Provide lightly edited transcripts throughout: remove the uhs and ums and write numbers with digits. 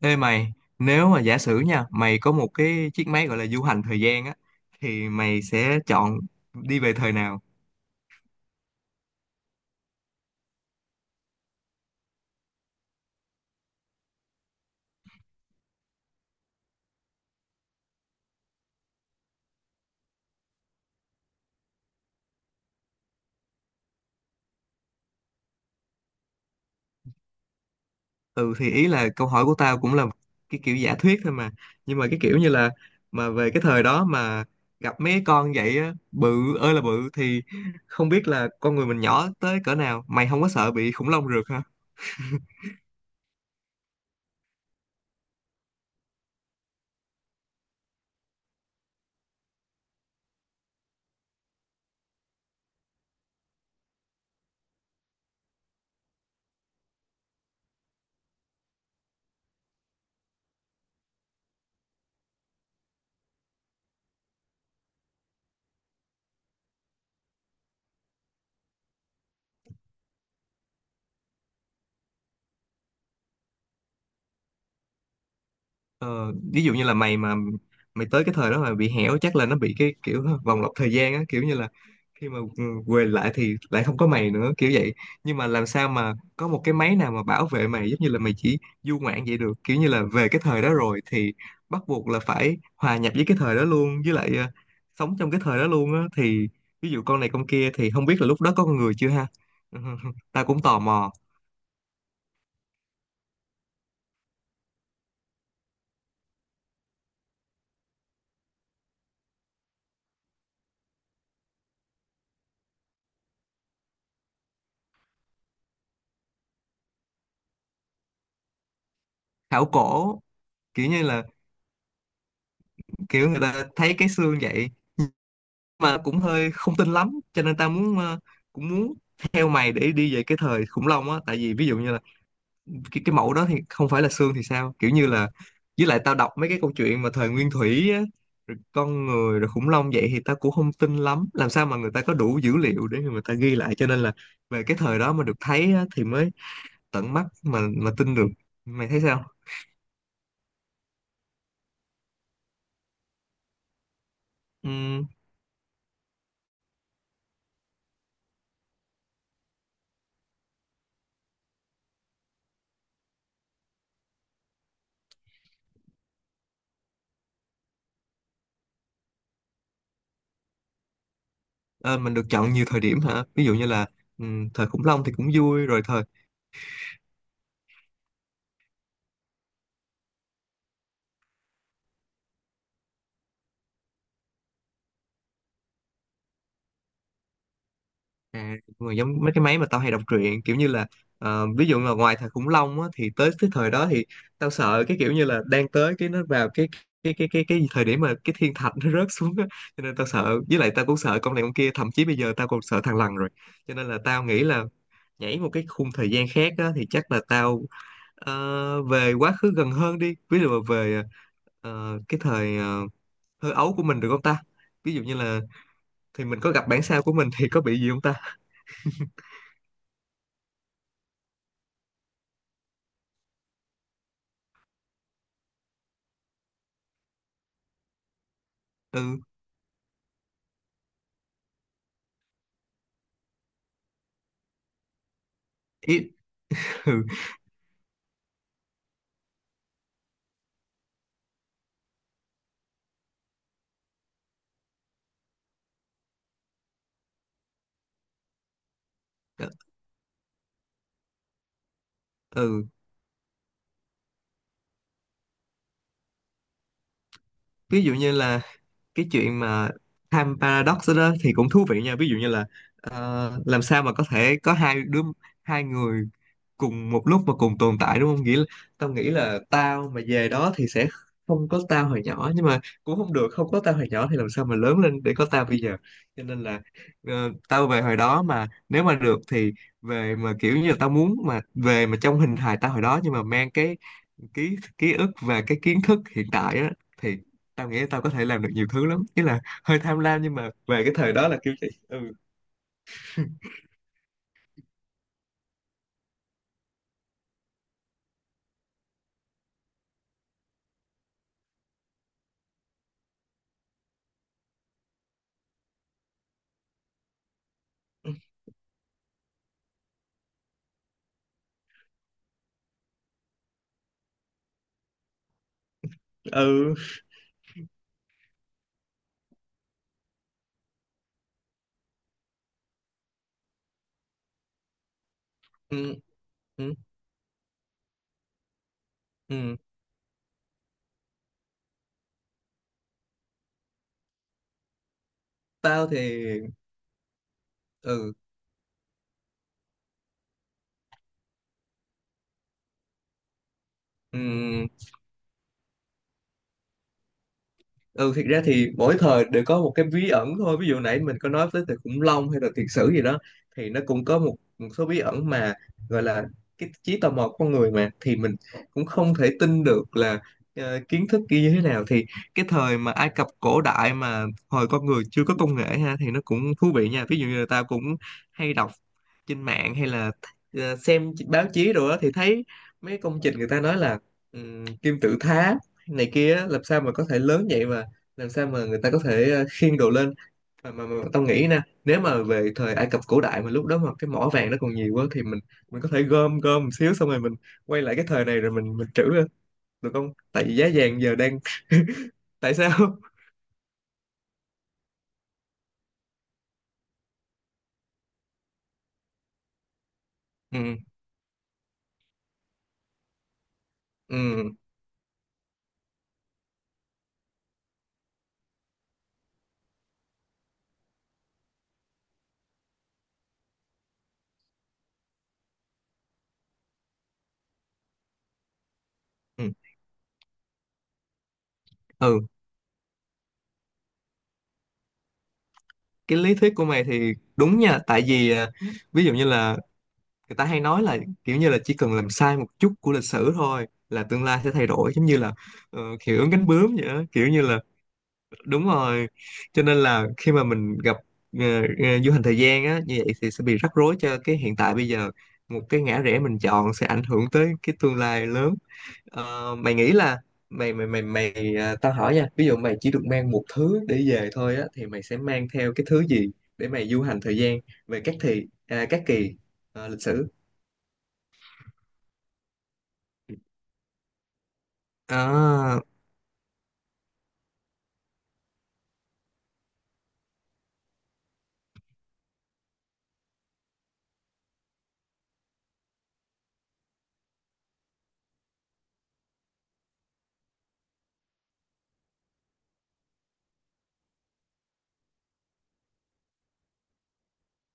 Ê mày, nếu mà giả sử nha, mày có một cái chiếc máy gọi là du hành thời gian á, thì mày sẽ chọn đi về thời nào? Ừ thì ý là câu hỏi của tao cũng là cái kiểu giả thuyết thôi mà. Nhưng mà cái kiểu như là mà về cái thời đó mà gặp mấy cái con vậy á, bự ơi là bự thì không biết là con người mình nhỏ tới cỡ nào. Mày không có sợ bị khủng long rượt hả? Ờ, ví dụ như là mày tới cái thời đó mà bị hẻo chắc là nó bị cái kiểu vòng lặp thời gian á, kiểu như là khi mà quay lại thì lại không có mày nữa kiểu vậy, nhưng mà làm sao mà có một cái máy nào mà bảo vệ mày giống như là mày chỉ du ngoạn vậy được, kiểu như là về cái thời đó rồi thì bắt buộc là phải hòa nhập với cái thời đó luôn, với lại sống trong cái thời đó luôn á thì ví dụ con này con kia thì không biết là lúc đó có con người chưa ha. Tao cũng tò mò khảo cổ, kiểu như là kiểu người ta thấy cái xương vậy mà cũng hơi không tin lắm, cho nên tao muốn cũng muốn theo mày để đi về cái thời khủng long á, tại vì ví dụ như là cái mẫu đó thì không phải là xương thì sao, kiểu như là với lại tao đọc mấy cái câu chuyện mà thời nguyên thủy á, rồi con người rồi khủng long vậy thì tao cũng không tin lắm làm sao mà người ta có đủ dữ liệu để người ta ghi lại, cho nên là về cái thời đó mà được thấy á, thì mới tận mắt mà tin được. Mày thấy sao? Ừm, ờ, mình được chọn nhiều thời điểm hả? Ví dụ như là thời khủng long thì cũng vui rồi, thời À, mà giống mấy cái máy mà tao hay đọc truyện, kiểu như là ví dụ là ngoài thời khủng long á, thì tới cái thời đó thì tao sợ cái kiểu như là đang tới cái nó vào cái thời điểm mà cái thiên thạch nó rớt xuống á, cho nên tao sợ, với lại tao cũng sợ con này con kia, thậm chí bây giờ tao còn sợ thằng lằn rồi, cho nên là tao nghĩ là nhảy một cái khung thời gian khác á, thì chắc là tao về quá khứ gần hơn đi, ví dụ là về ờ, cái thời thơ ấu của mình được không ta? Ví dụ như là thì mình có gặp bản sao của mình thì có bị gì không ta? Ừ. Ừ. Ờ, ừ, ví dụ như là cái chuyện mà time paradox đó, đó thì cũng thú vị nha. Ví dụ như là làm sao mà có thể có hai người cùng một lúc mà cùng tồn tại đúng không, nghĩa là tao nghĩ là tao mà về đó thì sẽ không có tao hồi nhỏ, nhưng mà cũng không được, không có tao hồi nhỏ thì làm sao mà lớn lên để có tao bây giờ, cho nên là tao về hồi đó mà nếu mà được thì về mà kiểu như là tao muốn mà về mà trong hình hài tao hồi đó, nhưng mà mang cái ký ký ức và cái kiến thức hiện tại á, thì tao nghĩ tao có thể làm được nhiều thứ lắm, ý là hơi tham lam nhưng mà về cái thời đó là kiểu gì ừ. ừ ừ ừ Ừ. Tao thì ừ ừ ừ thiệt ra thì mỗi thời đều có một cái bí ẩn thôi. Ví dụ nãy mình có nói tới từ khủng long hay là thiệt sử gì đó thì nó cũng có một số bí ẩn mà gọi là cái trí tò mò của con người mà, thì mình cũng không thể tin được là kiến thức kia như thế nào, thì cái thời mà Ai Cập cổ đại mà hồi con người chưa có công nghệ ha thì nó cũng thú vị nha. Ví dụ như là tao cũng hay đọc trên mạng hay là xem báo chí rồi đó thì thấy mấy công trình người ta nói là kim tự tháp này kia á, làm sao mà có thể lớn vậy mà làm sao mà người ta có thể khiêng đồ lên mà tao nghĩ nè, nếu mà về thời Ai Cập cổ đại mà lúc đó mà cái mỏ vàng nó còn nhiều quá thì mình có thể gom gom một xíu xong rồi mình quay lại cái thời này rồi mình trữ lên được không, tại vì giá vàng giờ đang tại sao ừ. ừ ừ ừ, cái lý thuyết của mày thì đúng nha, tại vì à, ví dụ như là người ta hay nói là kiểu như là chỉ cần làm sai một chút của lịch sử thôi là tương lai sẽ thay đổi, giống như là hiệu ứng cánh bướm vậy đó, kiểu như là đúng rồi cho nên là khi mà mình gặp ờ, du hành thời gian á như vậy thì sẽ bị rắc rối cho cái hiện tại bây giờ, một cái ngã rẽ mình chọn sẽ ảnh hưởng tới cái tương lai lớn. Ờ, mày nghĩ là mày mày mày mày à, tao hỏi nha, ví dụ mày chỉ được mang một thứ để về thôi á thì mày sẽ mang theo cái thứ gì để mày du hành thời gian về các thì à, các kỳ à, lịch sử? À,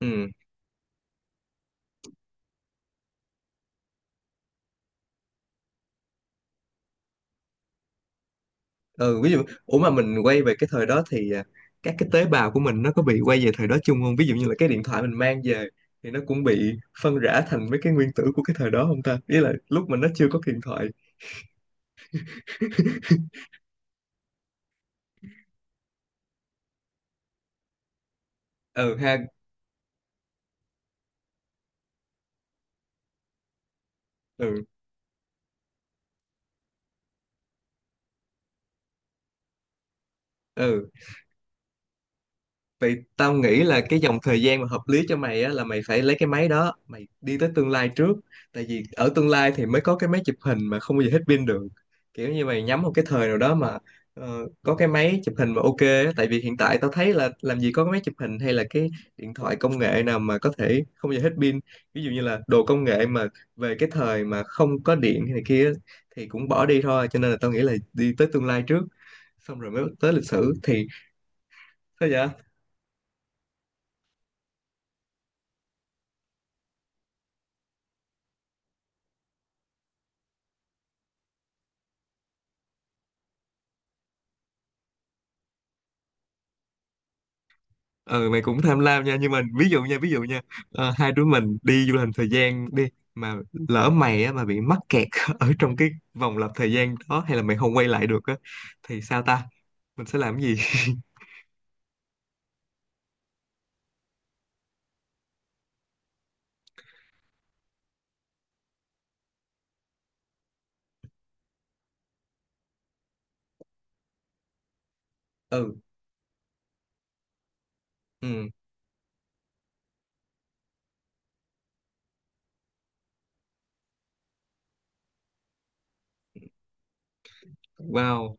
ừ. Ừ, ví dụ ủa mà mình quay về cái thời đó thì à, các cái tế bào của mình nó có bị quay về thời đó chung không? Ví dụ như là cái điện thoại mình mang về thì nó cũng bị phân rã thành mấy cái nguyên tử của cái thời đó không ta, ý là lúc mà nó chưa có điện thoại. Ừ ha. ừ ừ. Vậy tao nghĩ là cái dòng thời gian mà hợp lý cho mày á là mày phải lấy cái máy đó, mày đi tới tương lai trước. Tại vì ở tương lai thì mới có cái máy chụp hình mà không bao giờ hết pin được. Kiểu như mày nhắm một cái thời nào đó mà ờ, có cái máy chụp hình mà ok á. Tại vì hiện tại tao thấy là làm gì có cái máy chụp hình hay là cái điện thoại công nghệ nào mà có thể không bao giờ hết pin. Ví dụ như là đồ công nghệ mà về cái thời mà không có điện hay này kia á, thì cũng bỏ đi thôi. Cho nên là tao nghĩ là đi tới tương lai trước xong rồi mới tới lịch sử thì sao vậy? Ừ, mày cũng tham lam nha, nhưng mà ví dụ nha, ờ, hai đứa mình đi du lịch thời gian đi mà lỡ mày á mà bị mắc kẹt ở trong cái vòng lặp thời gian đó hay là mày không quay lại được á thì sao ta, mình sẽ làm cái gì? Ừ. Ừ. Wow,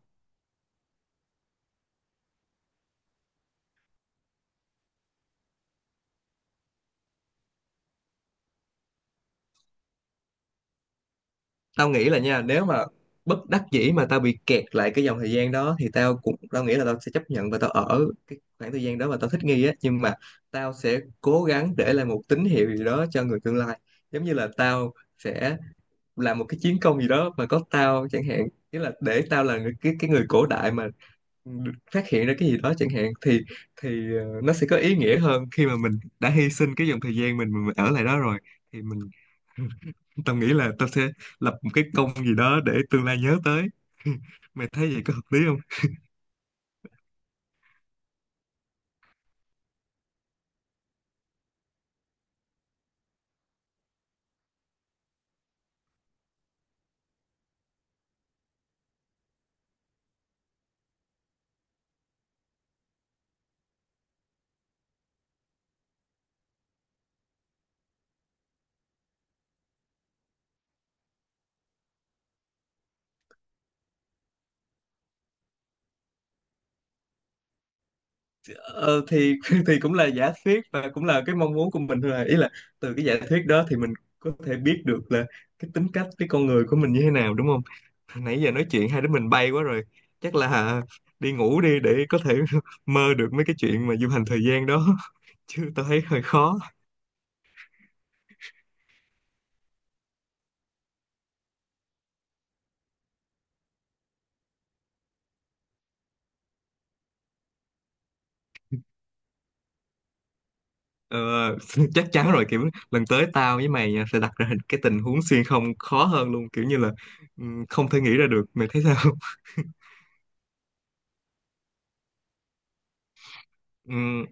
tao nghĩ là nha nếu mà bất đắc dĩ mà tao bị kẹt lại cái dòng thời gian đó thì tao nghĩ là tao sẽ chấp nhận và tao ở cái khoảng thời gian đó mà tao thích nghi á, nhưng mà tao sẽ cố gắng để lại một tín hiệu gì đó cho người tương lai, giống như là tao sẽ làm một cái chiến công gì đó mà có tao chẳng hạn, nghĩa là để tao là người, cái người cổ đại mà được phát hiện ra cái gì đó chẳng hạn thì nó sẽ có ý nghĩa hơn khi mà mình đã hy sinh cái dòng thời gian mình ở lại đó rồi thì mình tao nghĩ là tao sẽ lập một cái công gì đó để tương lai nhớ tới. Mày thấy vậy có hợp lý không? Ờ, thì thì cũng là giả thuyết và cũng là cái mong muốn của mình thôi à. Ý là từ cái giả thuyết đó thì mình có thể biết được là cái tính cách cái con người của mình như thế nào đúng không? Nãy giờ nói chuyện hai đứa mình bay quá rồi. Chắc là đi ngủ đi để có thể mơ được mấy cái chuyện mà du hành thời gian đó chứ tao thấy hơi khó. Ờ, chắc chắn rồi, kiểu lần tới tao với mày nha, sẽ đặt ra cái tình huống xuyên không khó hơn luôn, kiểu như là ừ, không thể nghĩ ra được. Mày thấy sao? Ừ,